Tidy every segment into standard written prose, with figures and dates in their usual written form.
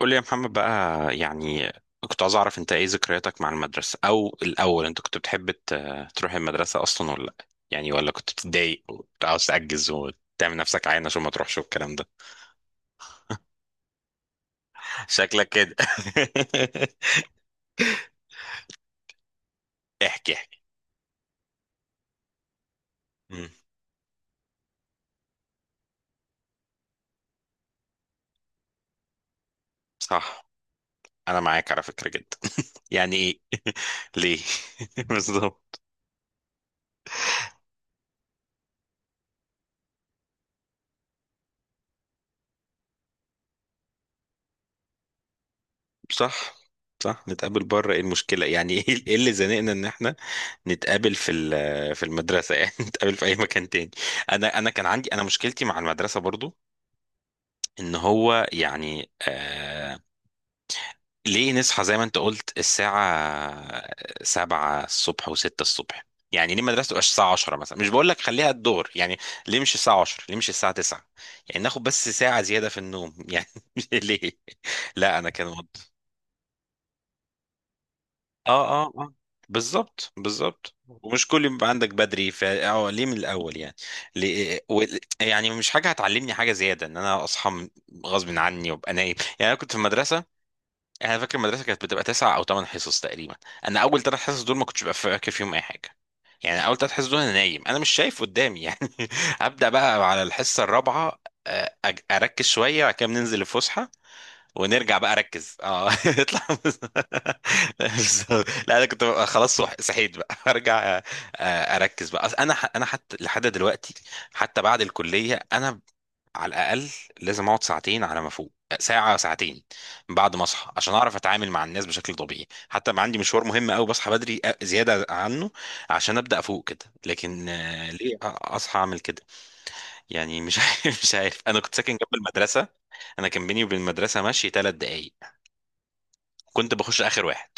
قول لي يا محمد بقى، يعني كنت عايز اعرف انت ايه ذكرياتك مع المدرسة. او الاول انت كنت بتحب تروح المدرسة اصلا ولا لا؟ يعني ولا كنت بتتضايق وكنت عاوز تأجز وتعمل نفسك عين عشان ما تروحش والكلام ده؟ شكلك كده. احكي احكي. مم. صح. انا معاك على فكرة جدا. يعني ايه؟ ليه؟ بالظبط. صح، صح. نتقابل بره، ايه المشكلة يعني؟ ايه إيه اللي زنقنا ان احنا نتقابل في في المدرسة؟ يعني نتقابل في اي مكان تاني. انا كان عندي انا مشكلتي مع المدرسة برضو، ان هو يعني آه، ليه نصحى زي ما انت قلت الساعة 7 الصبح وستة الصبح؟ يعني ليه المدرسة تبقاش الساعة 10 مثلا؟ مش بقول لك خليها الظهر يعني، ليه مش الساعة 10، ليه مش الساعة 9؟ يعني ناخد بس ساعة زيادة في النوم يعني. ليه؟ لا انا كان، اه اه اه، بالظبط بالظبط. ومش كل يوم يبقى عندك بدري، ف اه ليه من الاول يعني؟ ليه و... يعني مش حاجه هتعلمني حاجه زياده ان انا اصحى غصب عني وابقى نايم. يعني انا كنت في المدرسه، انا فاكر المدرسه كانت بتبقى 9 او 8 حصص تقريبا. انا اول 3 حصص دول ما كنتش ببقى فاكر فيهم اي حاجه، يعني اول 3 حصص دول انا نايم، انا مش شايف قدامي يعني. ابدا، بقى على الحصه الرابعه آه، اركز شويه، وبعد كده بننزل الفسحه ونرجع بقى اركز اه اطلع. بالظبط. لا انا كنت ببقى خلاص، صحيت بقى ارجع اركز بقى. أصل انا انا حتى لحد دلوقتي، حتى بعد الكليه، انا على الاقل لازم اقعد ساعتين على ما فوق، ساعه ساعتين بعد ما اصحى عشان اعرف اتعامل مع الناس بشكل طبيعي. حتى ما عندي مشوار مهم قوي بصحى بدري زياده عنه عشان ابدا افوق كده. لكن آه، ليه اصحى اعمل كده؟ يعني مش عارف مش عارف، انا كنت ساكن جنب المدرسه. انا كان بيني وبين المدرسه ماشي 3 دقائق. كنت بخش اخر واحد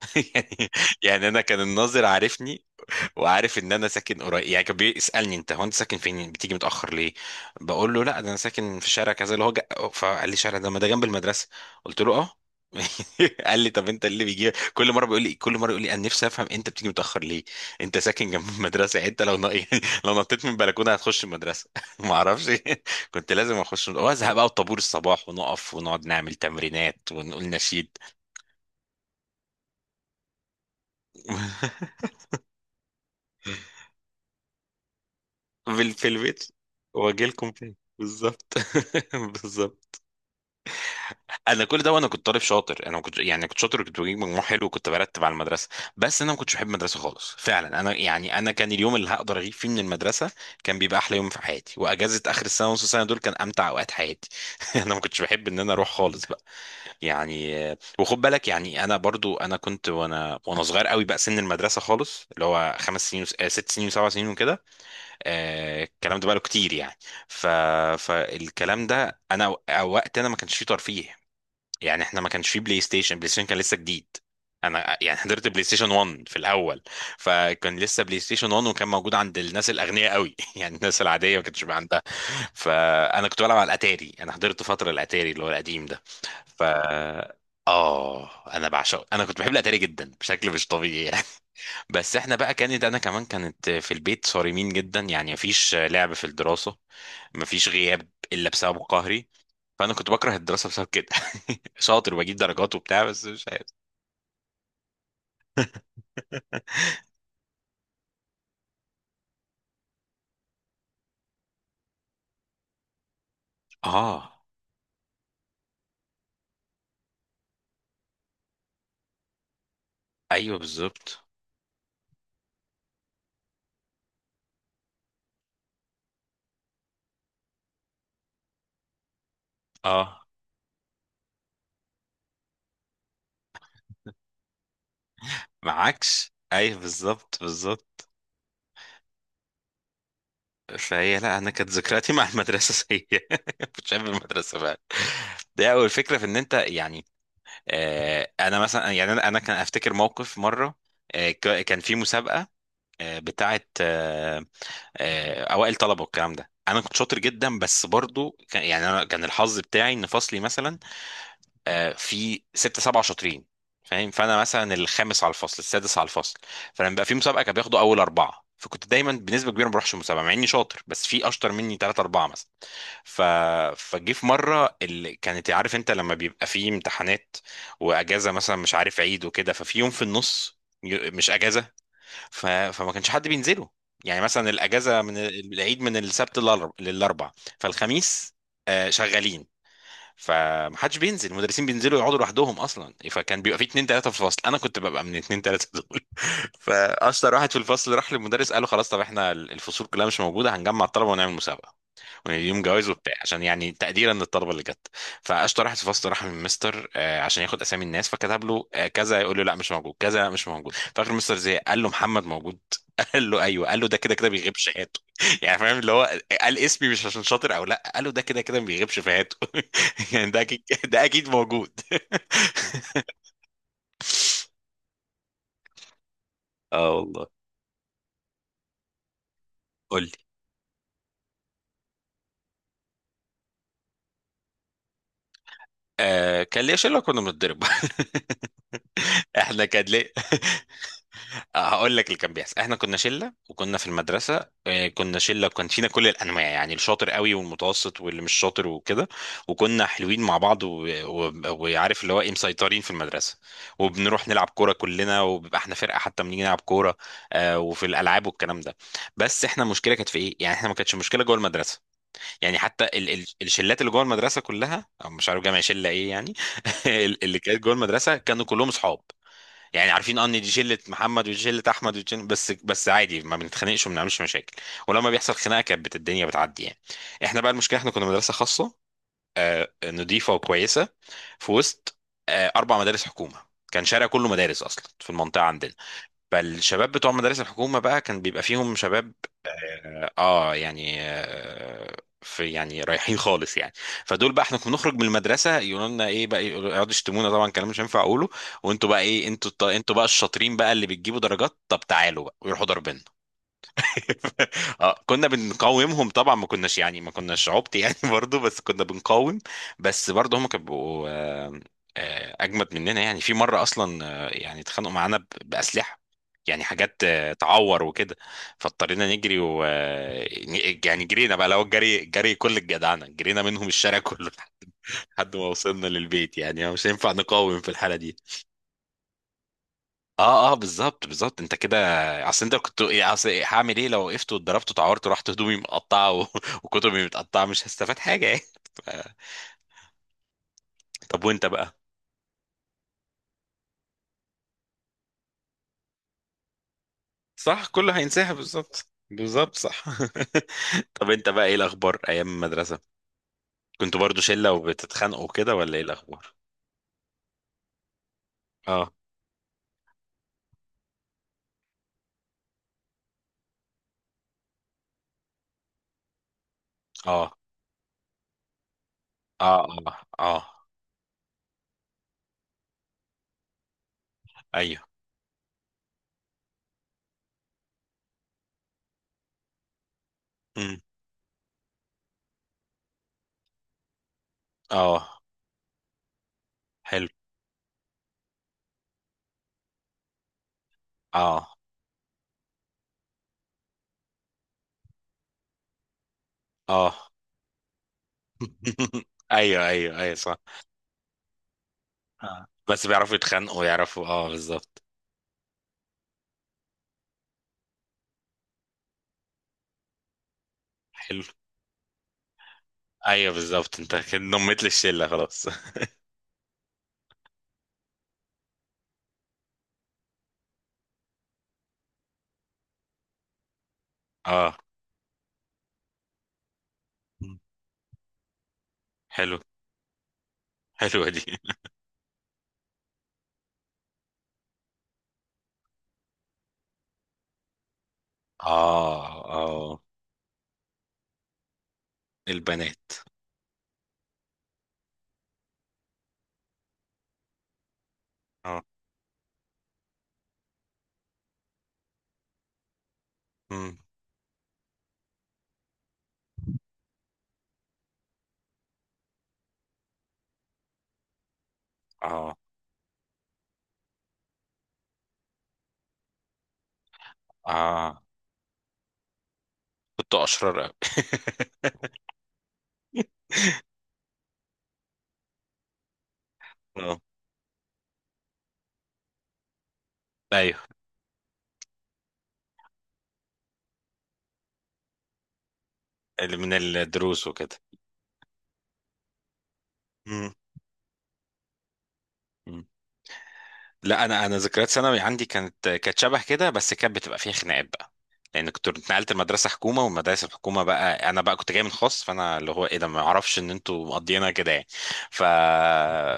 يعني، يعني انا كان الناظر عارفني وعارف ان انا ساكن قريب. يعني كان بيسالني انت هو انت ساكن فين بتيجي متاخر ليه؟ بقول له لا ده انا ساكن في شارع كذا اللي هو جا... فقال لي شارع ده ما ده جنب المدرسه. قلت له اه. قال لي طب انت اللي بيجي كل مره، بيقول لي كل مره، يقول لي انا نفسي افهم انت بتيجي متاخر ليه؟ انت ساكن جنب المدرسه. يعني انت لو ن... يعني لو نطيت من البلكونه هتخش المدرسه. ما اعرفش. كنت لازم اخش وازهق بقى، وطابور الصباح ونقف ونقعد نعمل تمرينات ونقول نشيد. في البيت، واجي لكم تاني بالظبط. بالظبط. انا كل ده وانا كنت طالب شاطر، انا كنت يعني كنت شاطر وكنت بجيب مجموع حلو وكنت برتب على المدرسه. بس انا ما كنتش بحب المدرسه خالص فعلا. انا يعني انا كان اليوم اللي هقدر اغيب فيه من المدرسه كان بيبقى احلى يوم في حياتي. واجازه اخر السنه ونص السنه دول كان امتع اوقات حياتي. انا ما كنتش بحب ان انا اروح خالص بقى. يعني آه، وخد بالك يعني انا برضو، انا كنت وانا صغير قوي بقى سن المدرسه خالص اللي هو 5 سنين آه، 6 سنين وسبع سنين وكده. آه، الكلام ده بقاله كتير يعني. ف... فالكلام ده انا وقت انا ما كانش فيه ترفيه. يعني احنا ما كانش فيه بلاي ستيشن، بلاي ستيشن كان لسه جديد. انا يعني حضرت بلاي ستيشن 1 في الاول، فكان لسه بلاي ستيشن 1 وكان موجود عند الناس الاغنياء قوي. يعني الناس العاديه ما كانش بقى عندها. فانا كنت بلعب على الاتاري، انا حضرت فتره الاتاري اللي هو القديم ده. ف اه انا بعشقه، انا كنت بحب الاتاري جدا بشكل مش طبيعي. بس احنا بقى كانت، انا كمان كانت في البيت صارمين جدا، يعني مفيش لعب في الدراسة، مفيش غياب الا بسبب قهري. فانا كنت بكره الدراسة بسبب كده. شاطر وبجيب درجات وبتاع بس مش عارف. اه، ايوه بالظبط، اه، معاكش ايوه بالظبط بالظبط. فهي لا، انا كانت ذكرياتي مع المدرسه سيئه. كنت شايف المدرسه بقى ده اول فكره في ان انت يعني. آه، انا مثلا يعني انا كان افتكر موقف مره، آه كان في مسابقه آه، بتاعه آه، آه، اوائل طلبه والكلام ده. انا كنت شاطر جدا بس برضو كان يعني، انا كان الحظ بتاعي ان فصلي مثلا آه، في 6 7 شاطرين، فاهم؟ فانا مثلا الخامس على الفصل السادس على الفصل. فلما بقى في مسابقه كان بياخدوا اول اربعه، فكنت دايما بنسبه كبيره ما بروحش المسابقه مع اني شاطر، بس في اشطر مني ثلاثة اربعه مثلا. ف... فجي في مره، اللي كانت عارف انت لما بيبقى في امتحانات واجازه مثلا مش عارف عيد وكده، ففي يوم في النص، مش اجازه، ف... فما كانش حد بينزله. يعني مثلا الاجازه من العيد من السبت للاربع، فالخميس آه، شغالين، فمحدش بينزل. المدرسين بينزلوا يقعدوا لوحدهم اصلا. فكان بيبقى في اتنين تلاته في الفصل، انا كنت ببقى من اتنين تلاته دول. فاشطر واحد في الفصل راح للمدرس قال له خلاص طب احنا الفصول كلها مش موجوده، هنجمع الطلبه ونعمل مسابقه، يعني يوم جوائز وبتاع عشان يعني تقديرا للطلبه اللي جت. فاشطر واحد في الفصل راح من مستر آه، عشان ياخد اسامي الناس. فكتب له آه، كذا يقول له لا مش موجود، كذا لا مش موجود. فاخر مستر زي قال له محمد موجود. قال له ايوه. قال له ده كده كده بيغيب شهادته. يعني فاهم اللي هو قال اسمي مش عشان شاطر او لا، قال له ده كده كده ما بيغيبش شهادته. يعني ده اكيد، ده اكيد موجود. اه والله. قول لي. آه كان ليا شله كنا بنتضرب، احنا كان ليه. آه، هقول لك اللي كان بيحصل. احنا كنا شله وكنا في المدرسه آه، كنا شله وكان فينا كل الانواع، يعني الشاطر قوي والمتوسط واللي مش شاطر وكده. وكنا حلوين مع بعض وعارف اللي هو ايه، مسيطرين في المدرسه. وبنروح نلعب كوره كلنا وبيبقى احنا فرقه حتى بنيجي نلعب كوره آه، وفي الالعاب والكلام ده. بس احنا المشكله كانت في ايه، يعني احنا ما كانتش مشكله جوه المدرسه. يعني حتى ال الشلات اللي جوه المدرسه كلها، أو مش عارف جامع شله ايه يعني، اللي كانت جوه المدرسه كانوا كلهم اصحاب. يعني عارفين ان دي شله محمد ودي شله احمد ودي شلة- بس عادي ما بنتخانقش وما بنعملش مشاكل. ولما بيحصل خناقه كانت الدنيا بتعدي يعني. احنا بقى المشكله، احنا كنا مدرسه خاصه آه، نضيفه وكويسه في وسط آه، 4 مدارس حكومه. كان شارع كله مدارس اصلا في المنطقه عندنا. فالشباب بتوع مدارس الحكومه بقى كان بيبقى فيهم شباب اه، يعني آه، في يعني رايحين خالص يعني. فدول بقى، احنا كنا بنخرج من المدرسه يقولوا لنا ايه بقى، يقولوا- يقعدوا يشتمونا طبعا كلام مش هينفع اقوله. وانتوا بقى ايه، انتوا انتوا بقى الشاطرين بقى اللي بتجيبوا درجات، طب تعالوا بقى، ويروحوا ضاربنا. اه كنا بنقاومهم طبعا، ما كناش يعني ما كناش عبط يعني، برضو بس كنا بنقاوم. بس برضو هم كانوا بيبقوا، آه، آه، اجمد مننا. يعني في مره اصلا آه، يعني اتخانقوا معانا باسلحه، يعني حاجات آه، تعور وكده. فاضطرينا نجري و آه، يعني جرينا بقى لو الجري جري كل الجدعنه، جرينا منهم الشارع كله لحد ما وصلنا للبيت. يعني مش هينفع نقاوم في الحاله دي. اه اه بالظبط بالظبط. انت كده، اصل انت كنت إيه، اصل إيه، هعمل ايه لو وقفت واتضربت واتعورت ورحت هدومي مقطعه و... وكتبي متقطعه؟ مش هستفاد حاجه يعني. ف- طب وانت بقى. صح كله هينساها، بالظبط بالظبط صح. طب انت بقى ايه الاخبار ايام المدرسه، كنتوا برضو شله وبتتخانقوا كده ولا ايه الاخبار؟ اه اه اه اه اه ايوه، أمم، اه حلو، اه اه. ايوه ايوه ايوه صح. آه. بس بيعرفوا يتخانقوا، يعرفوا اه بالظبط. حلو. ايوه بالظبط، انت كده نميت لي الشله خلاص. اه. حلو. حلوه دي. اه اه. البنات. اه. مم. اه اه. كنت اشرار قوي. اه ايوه. اللي من الدروس وكده. مم. لا انا، انا ذكريات ثانوي عندي كانت كانت شبه كده، بس كانت بتبقى فيها خناقات بقى. لان كنت اتنقلت لمدرسه حكومه، والمدارس الحكومه بقى، انا بقى كنت جاي من خاص فانا اللي هو ايه ده، ما اعرفش ان انتوا مقضينا كده يعني. ف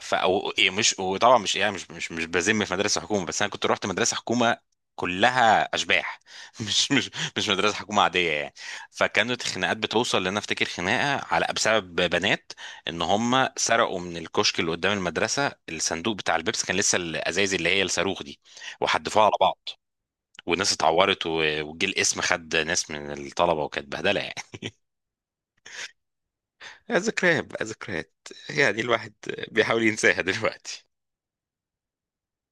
ف أو إيه، مش وطبعا مش يعني مش بذم في مدرسه حكومه، بس انا كنت رحت مدرسه حكومه كلها اشباح، مش مش مدرسه حكومه عاديه يعني. فكانت الخناقات بتوصل لان أنا افتكر خناقه على بسبب بنات، ان هم سرقوا من الكشك اللي قدام المدرسه الصندوق بتاع البيبس، كان لسه الازايز اللي هي الصاروخ دي، وحدفوها على بعض، والناس اتعورت وجه الاسم خد ناس من الطلبه وكانت بهدله يعني. ذكريات بقى ذكريات، يعني الواحد بيحاول ينساها دلوقتي